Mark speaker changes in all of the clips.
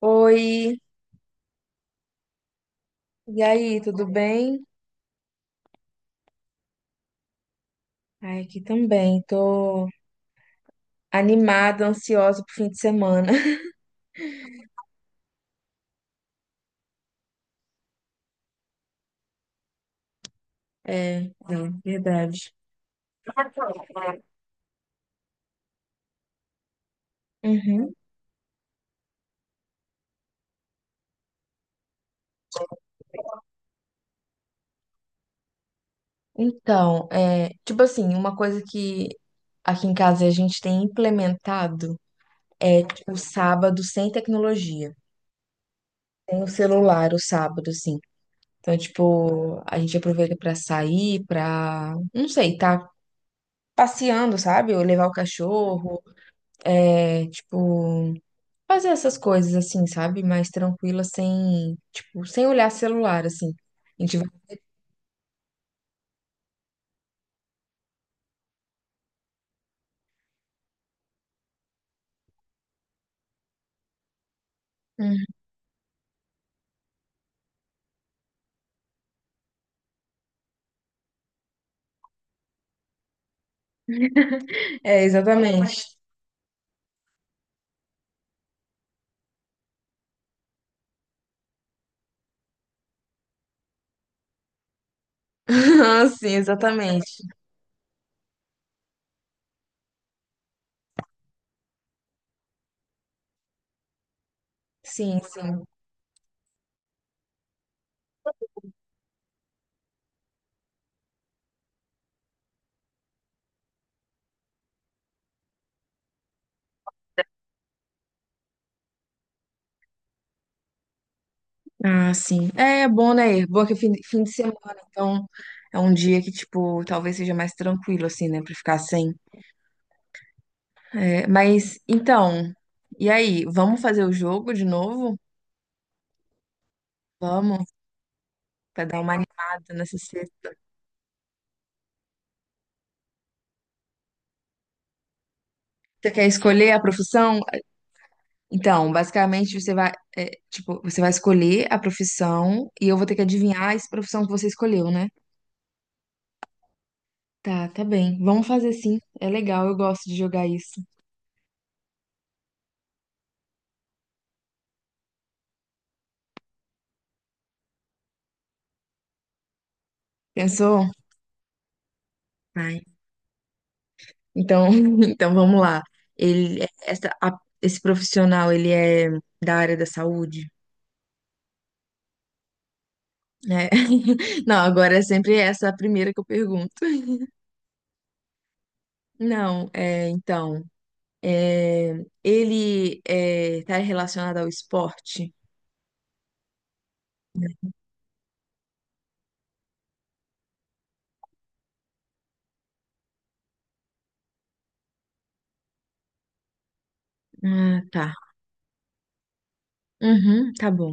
Speaker 1: Oi, e aí, tudo bem? Ai, aqui também, tô animada, ansiosa pro fim de semana. É, não, verdade. Uhum. Então, é, tipo assim, uma coisa que aqui em casa a gente tem implementado é, tipo, sábado sem tecnologia. Sem o celular, o sábado, assim. Então, tipo, a gente aproveita pra sair, pra, não sei, tá passeando, sabe? Ou levar o cachorro, é, tipo... fazer essas coisas assim, sabe? Mais tranquila, sem, tipo, sem olhar celular, assim. A gente vai... Hum. É, exatamente. Ah, sim, exatamente. Sim, sim. Ah, sim. É, é bom, né? É bom que é fim de semana, então é um dia que, tipo, talvez seja mais tranquilo, assim, né? Pra ficar sem. É, mas, então, e aí? Vamos fazer o jogo de novo? Vamos, pra dar uma animada nessa sexta. Você quer escolher a profissão? Então, basicamente, você vai, é, tipo, você vai escolher a profissão e eu vou ter que adivinhar essa profissão que você escolheu, né? Tá, tá bem. Vamos fazer sim. É legal, eu gosto de jogar isso. Pensou? Vai. Então, então vamos lá. Ele, essa, esse profissional, ele é da área da saúde, né? Não, agora é sempre essa a primeira que eu pergunto. Não, é, então, é, ele é, tá relacionado ao esporte? Ah, tá. Uhum, tá bom.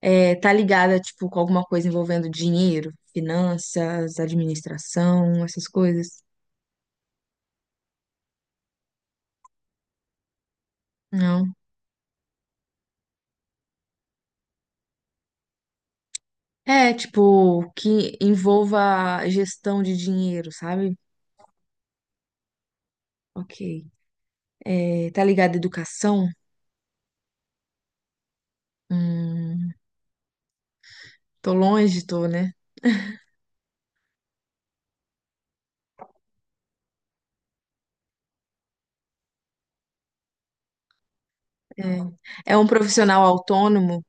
Speaker 1: É, tá ligada, tipo, com alguma coisa envolvendo dinheiro, finanças, administração, essas coisas? Não. É, tipo, que envolva gestão de dinheiro, sabe? Ok. É, tá ligada à educação? Hum, tô longe, tô, né? É, é um profissional autônomo?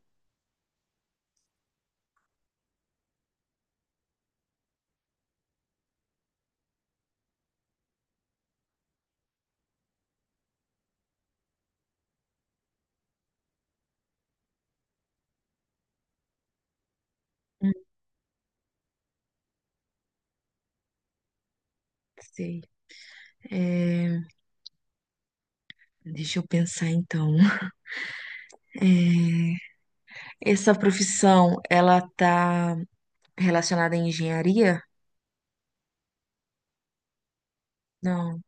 Speaker 1: Hum, Sei. É, deixa eu pensar então. É, essa profissão, ela tá relacionada à engenharia? Não.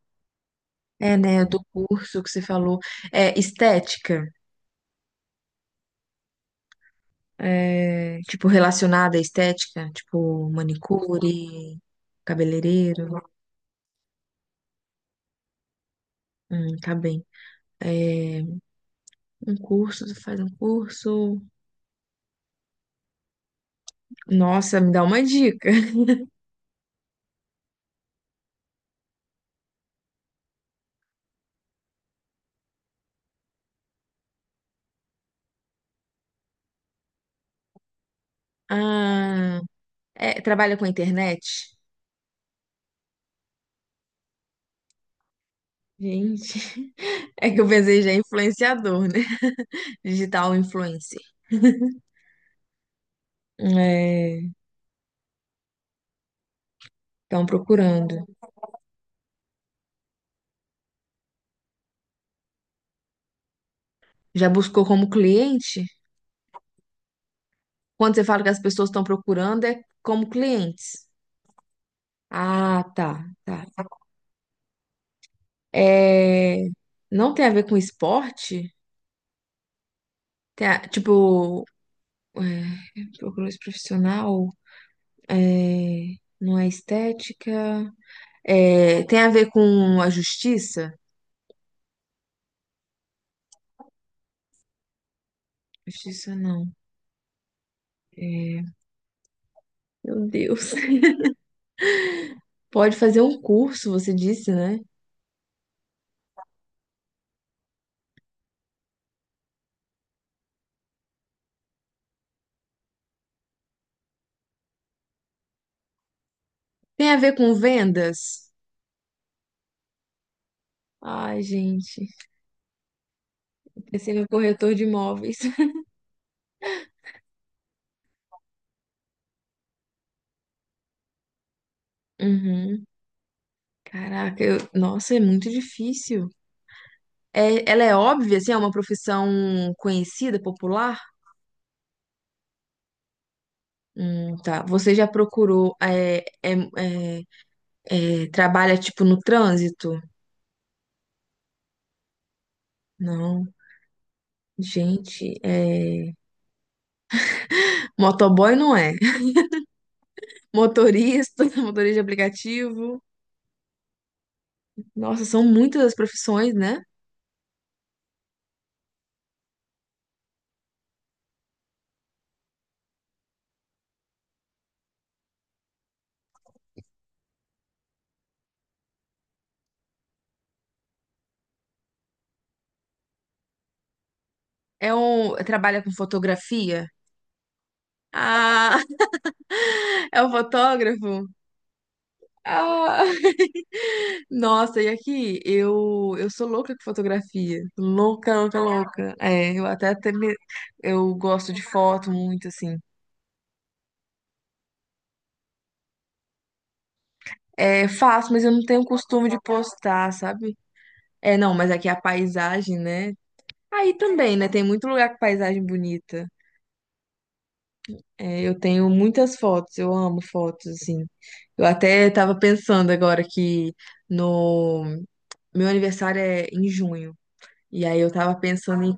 Speaker 1: É, né, do curso que você falou. É, estética, é, tipo, relacionada à estética, tipo, manicure, cabeleireiro. Tá bem. É, um curso, tu faz um curso. Nossa, me dá uma dica. Ah, é, trabalha com internet? Gente, é que eu pensei já em influenciador, né? Digital influencer. É, estão procurando. Já buscou como cliente? Quando você fala que as pessoas estão procurando, é como clientes. Ah, tá, tá. É, não tem a ver com esporte? Tipo, é, procura-se profissional, é, não é estética. É, tem a ver com a justiça? Justiça não. É, meu Deus. Pode fazer um curso, você disse, né? Tem a ver com vendas? Ai, gente, eu pensei no corretor de imóveis. Uhum. Caraca, nossa, é muito difícil. É, ela é óbvia, assim, é uma profissão conhecida, popular? Tá. Você já procurou, é, é, trabalha, tipo, no trânsito? Não. Gente, é... motoboy não é. Motorista, motorista de aplicativo. Nossa, são muitas as profissões, né? É um... Trabalha com fotografia? Ah, é um fotógrafo? Ah. Nossa, e aqui, eu sou louca com fotografia. Louca, louca, louca. É, eu até, eu gosto de foto muito, assim. É, faço, mas eu não tenho costume de postar, sabe? É, não, mas aqui a paisagem, né? Aí também, né? Tem muito lugar com paisagem bonita. É, eu tenho muitas fotos, eu amo fotos, assim. Eu até tava pensando agora que no meu aniversário é em junho. E aí eu tava pensando em,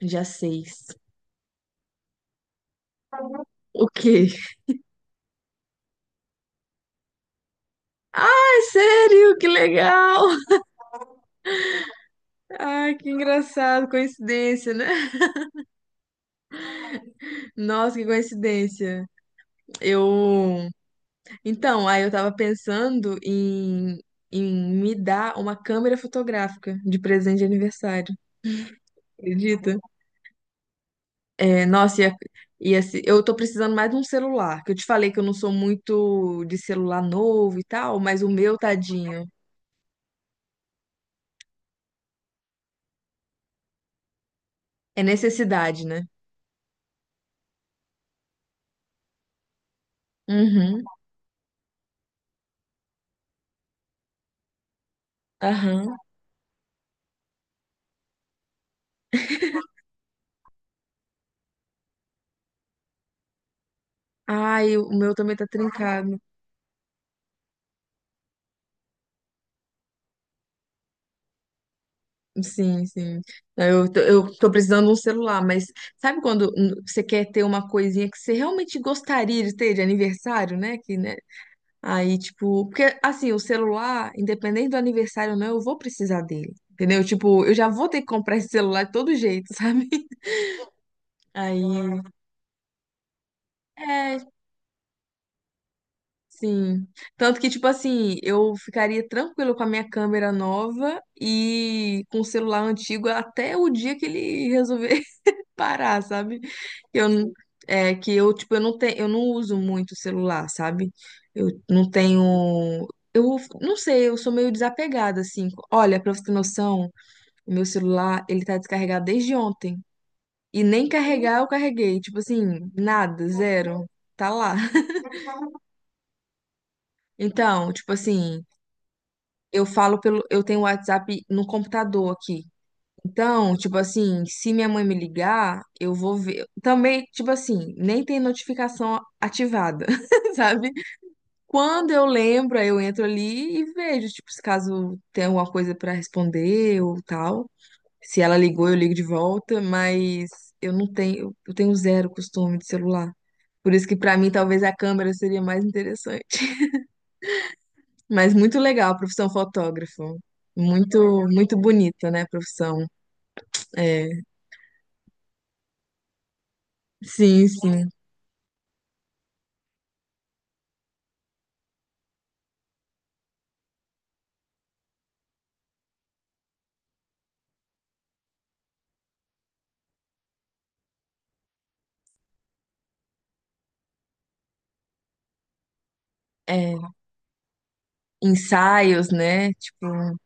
Speaker 1: já sei. O quê? Ai, sério? Que legal! Ai, que engraçado, coincidência, né? Nossa, que coincidência. Eu. Então, aí eu tava pensando em, em me dar uma câmera fotográfica de presente de aniversário. Acredita? É, nossa, ia, ia, eu tô precisando mais de um celular. Que eu te falei que eu não sou muito de celular novo e tal, mas o meu, tadinho, é necessidade, né? Uhum. Aham. Ai, o meu também tá trincado. Sim, sim. Eu, eu tô precisando de um celular, mas sabe quando você quer ter uma coisinha que você realmente gostaria de ter de aniversário, né? Que, né? Aí, tipo, porque assim, o celular, independente do aniversário ou não, eu vou precisar dele. Entendeu? Tipo, eu já vou ter que comprar esse celular de todo jeito, sabe? Aí, é, sim. Tanto que, tipo assim, eu ficaria tranquilo com a minha câmera nova e com o celular antigo até o dia que ele resolver parar, sabe? Eu n- é que eu tipo eu não tenho, eu não uso muito o celular, sabe? Eu não tenho eu não sei, eu sou meio desapegada assim. Olha, pra você ter noção, o meu celular, ele tá descarregado desde ontem e nem carregar eu carreguei, tipo assim, nada, zero. Tá lá. Então, tipo assim, eu falo pelo eu tenho o WhatsApp no computador aqui. Então, tipo assim, se minha mãe me ligar, eu vou ver. Também, tipo assim, nem tem notificação ativada, sabe? Quando eu lembro, aí eu entro ali e vejo, tipo, se caso tem alguma coisa pra responder ou tal. Se ela ligou, eu ligo de volta, mas eu não tenho, eu tenho zero costume de celular. Por isso que pra mim talvez a câmera seria mais interessante. Mas muito legal a profissão fotógrafo. Muito, muito bonita, né, a profissão. É, sim, sim. É ensaios, né? Tipo,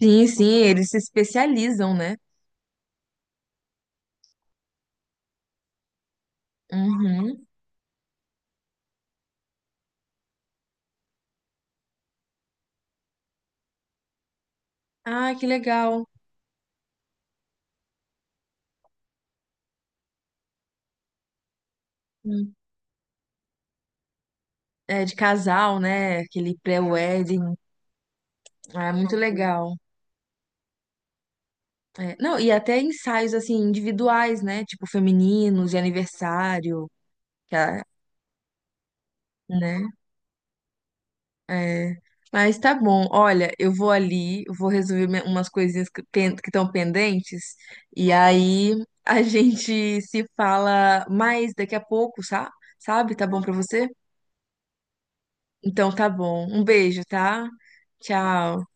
Speaker 1: sim, sim, eles se especializam, né? Uhum. Ah, que legal. Hum. É, de casal, né? Aquele pré-wedding. Ah, é muito legal. É, não, e até ensaios, assim, individuais, né? Tipo, femininos, de aniversário, que a- né? É, mas tá bom. Olha, eu vou ali, eu vou resolver umas coisinhas que estão pendentes e aí a gente se fala mais daqui a pouco, sabe? Tá bom pra você? Então tá bom. Um beijo, tá? Tchau.